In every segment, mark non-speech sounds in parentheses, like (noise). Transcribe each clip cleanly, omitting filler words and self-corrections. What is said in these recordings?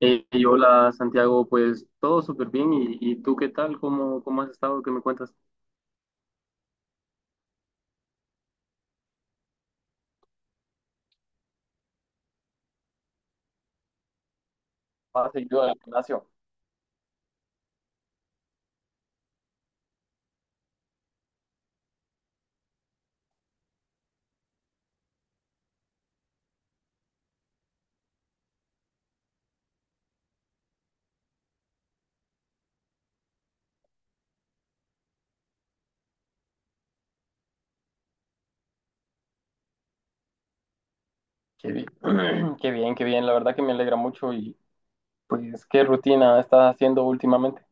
Y hola Santiago, pues todo súper bien. ¿Y tú qué tal? ¿Cómo has estado? ¿Qué me cuentas? Más seguido del gimnasio. Qué bien. (clears throat) Qué bien, qué bien. La verdad que me alegra mucho y pues qué rutina estás haciendo últimamente.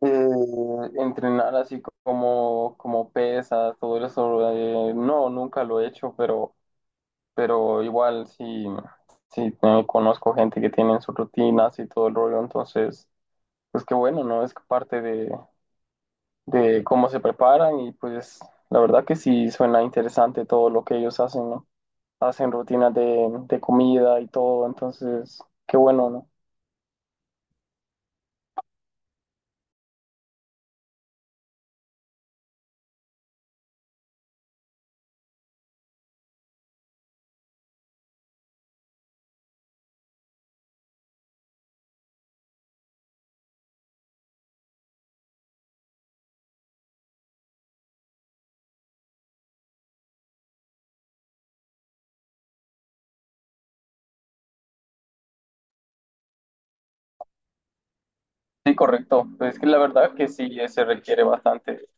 Entrenar así como, como pesas, todo eso. No, nunca lo he hecho, pero igual sí, sí conozco gente que tiene sus rutinas y todo el rollo. Entonces, pues qué bueno, ¿no? Es parte de cómo se preparan y pues la verdad que sí suena interesante todo lo que ellos hacen, ¿no? Hacen rutinas de comida y todo, entonces qué bueno, ¿no? Sí, correcto. Pues es que la verdad que sí se requiere bastante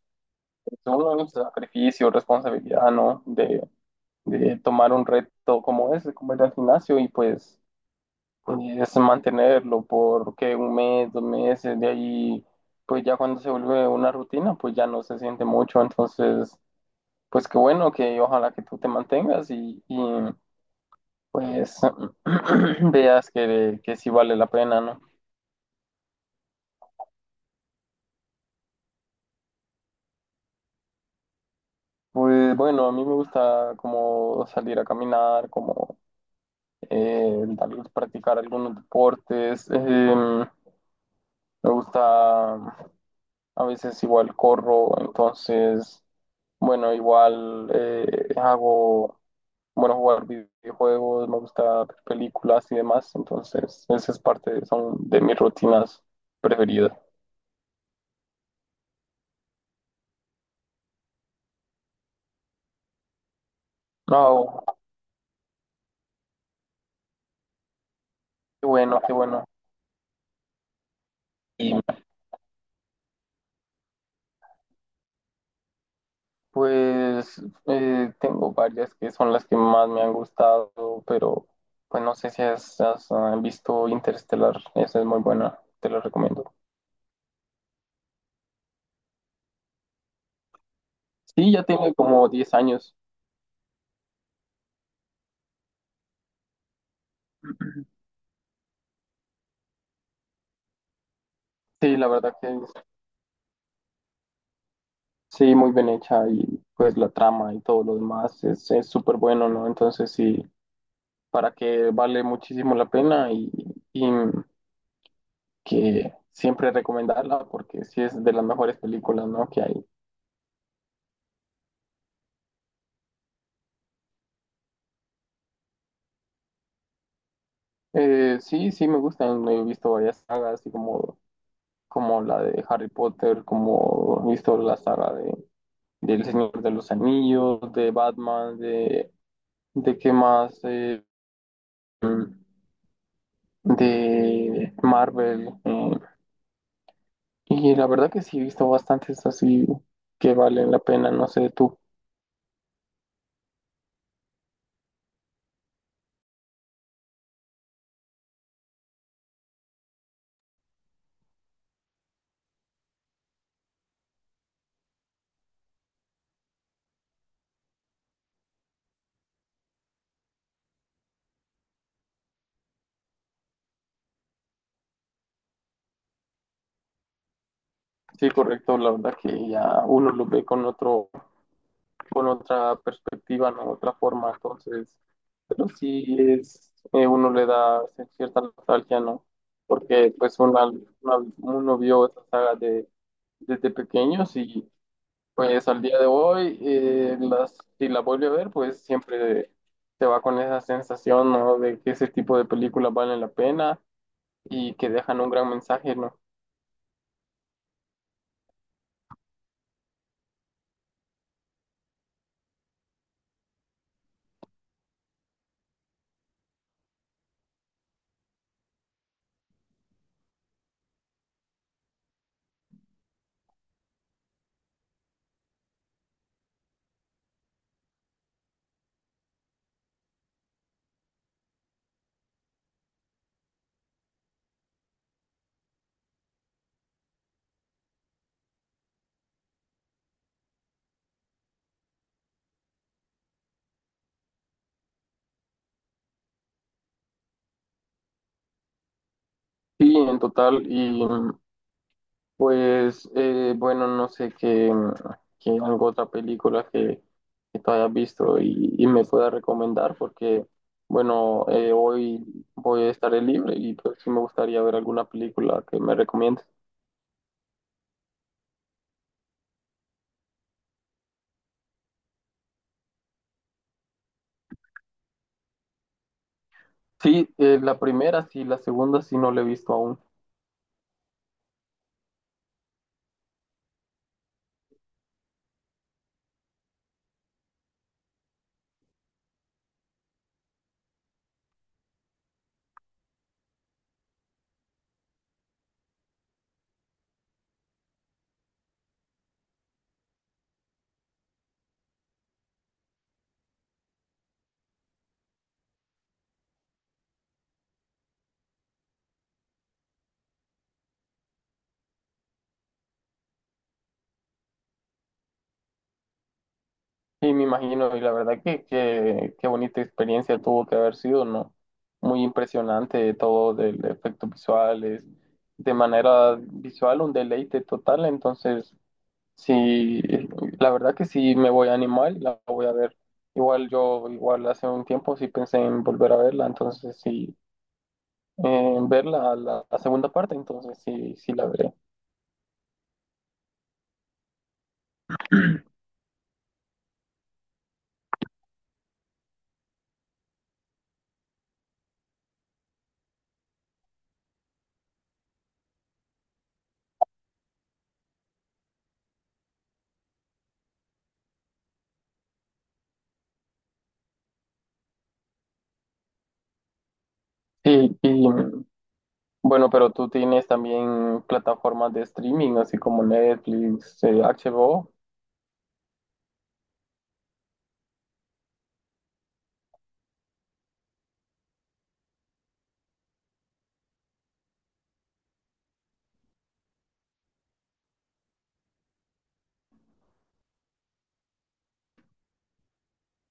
pues, uno, ¿no? Sacrificio, responsabilidad, ¿no? De tomar un reto como ese, como ir al gimnasio y pues, es mantenerlo por ¿qué? Un mes, dos meses, de ahí, pues ya cuando se vuelve una rutina, pues ya no se siente mucho, entonces pues qué bueno que ojalá que tú te mantengas y, pues (clears throat) veas que sí vale la pena, ¿no? Pues bueno, a mí me gusta como salir a caminar, como tal vez practicar algunos deportes. Me gusta, a veces igual corro, entonces, bueno, igual hago, bueno, jugar videojuegos, me gusta ver películas y demás, entonces esa es parte, son de mis rutinas preferidas. Oh, qué bueno, qué bueno. Y pues tengo varias que son las que más me han gustado, pero pues no sé si has, visto Interstellar, esa es muy buena, te la recomiendo. Sí, ya tiene como 10 años. Sí, la verdad que sí, muy bien hecha y pues la trama y todo lo demás es súper bueno, ¿no? Entonces sí, para que vale muchísimo la pena y que siempre recomendarla porque sí es de las mejores películas, ¿no? Que hay. Sí, sí, me gustan. He visto varias sagas, así como, como la de Harry Potter, como he visto la saga de, del Señor de los Anillos, de Batman, de qué más, mm, de Marvel. Y la verdad que sí, he visto bastantes así que valen la pena, no sé tú. Sí, correcto, la verdad que ya uno lo ve con otro. Con otra perspectiva, ¿no? Otra forma, entonces, pero sí es, uno le da cierta nostalgia, ¿no? Porque pues uno vio esa saga de, desde pequeños y pues al día de hoy, las, si la vuelve a ver, pues siempre se va con esa sensación, ¿no? De que ese tipo de películas valen la pena y que dejan un gran mensaje, ¿no? Sí, en total, y pues bueno, no sé qué, qué algo otra película que tú hayas visto y me pueda recomendar porque bueno, hoy voy a estar libre y pues sí me gustaría ver alguna película que me recomiendes. Sí, la primera sí, la segunda sí no la he visto aún. Sí, me imagino y la verdad que qué bonita experiencia tuvo que haber sido, ¿no? Muy impresionante todo del efectos visuales de manera visual un deleite total, entonces sí, la verdad que sí me voy a animar y la voy a ver. Igual yo, igual hace un tiempo sí pensé en volver a verla, entonces sí, en verla la, la segunda parte, entonces sí, sí la veré. Sí, y bueno, pero tú tienes también plataformas de streaming, así como Netflix, HBO.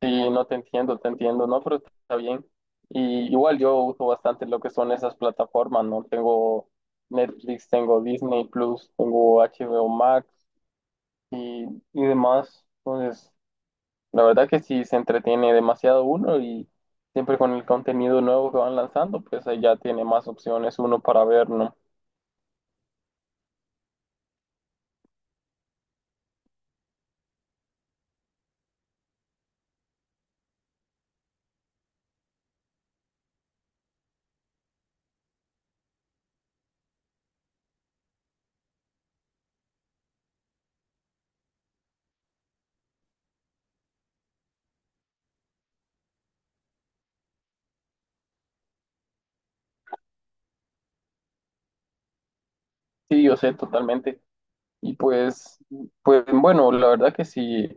Sí, no te entiendo, te entiendo, ¿no? Pero está bien. Y igual yo uso bastante lo que son esas plataformas, ¿no? Tengo Netflix, tengo Disney Plus, tengo HBO Max. Y, y demás. Entonces, la verdad que sí se entretiene demasiado uno y siempre con el contenido nuevo que van lanzando, pues ahí ya tiene más opciones uno para ver, ¿no? Sí, yo sé totalmente. Y pues, pues bueno, la verdad que sí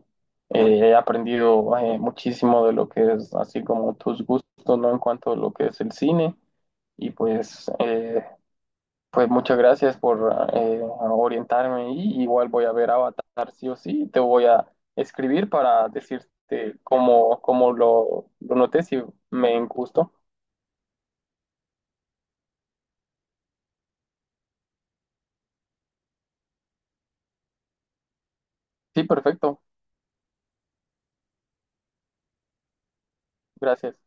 he aprendido muchísimo de lo que es así como tus gustos, ¿no? En cuanto a lo que es el cine. Y pues, pues muchas gracias por orientarme y igual voy a ver Avatar sí o sí. Te voy a escribir para decirte cómo, cómo lo noté, si me gustó. Sí, perfecto. Gracias.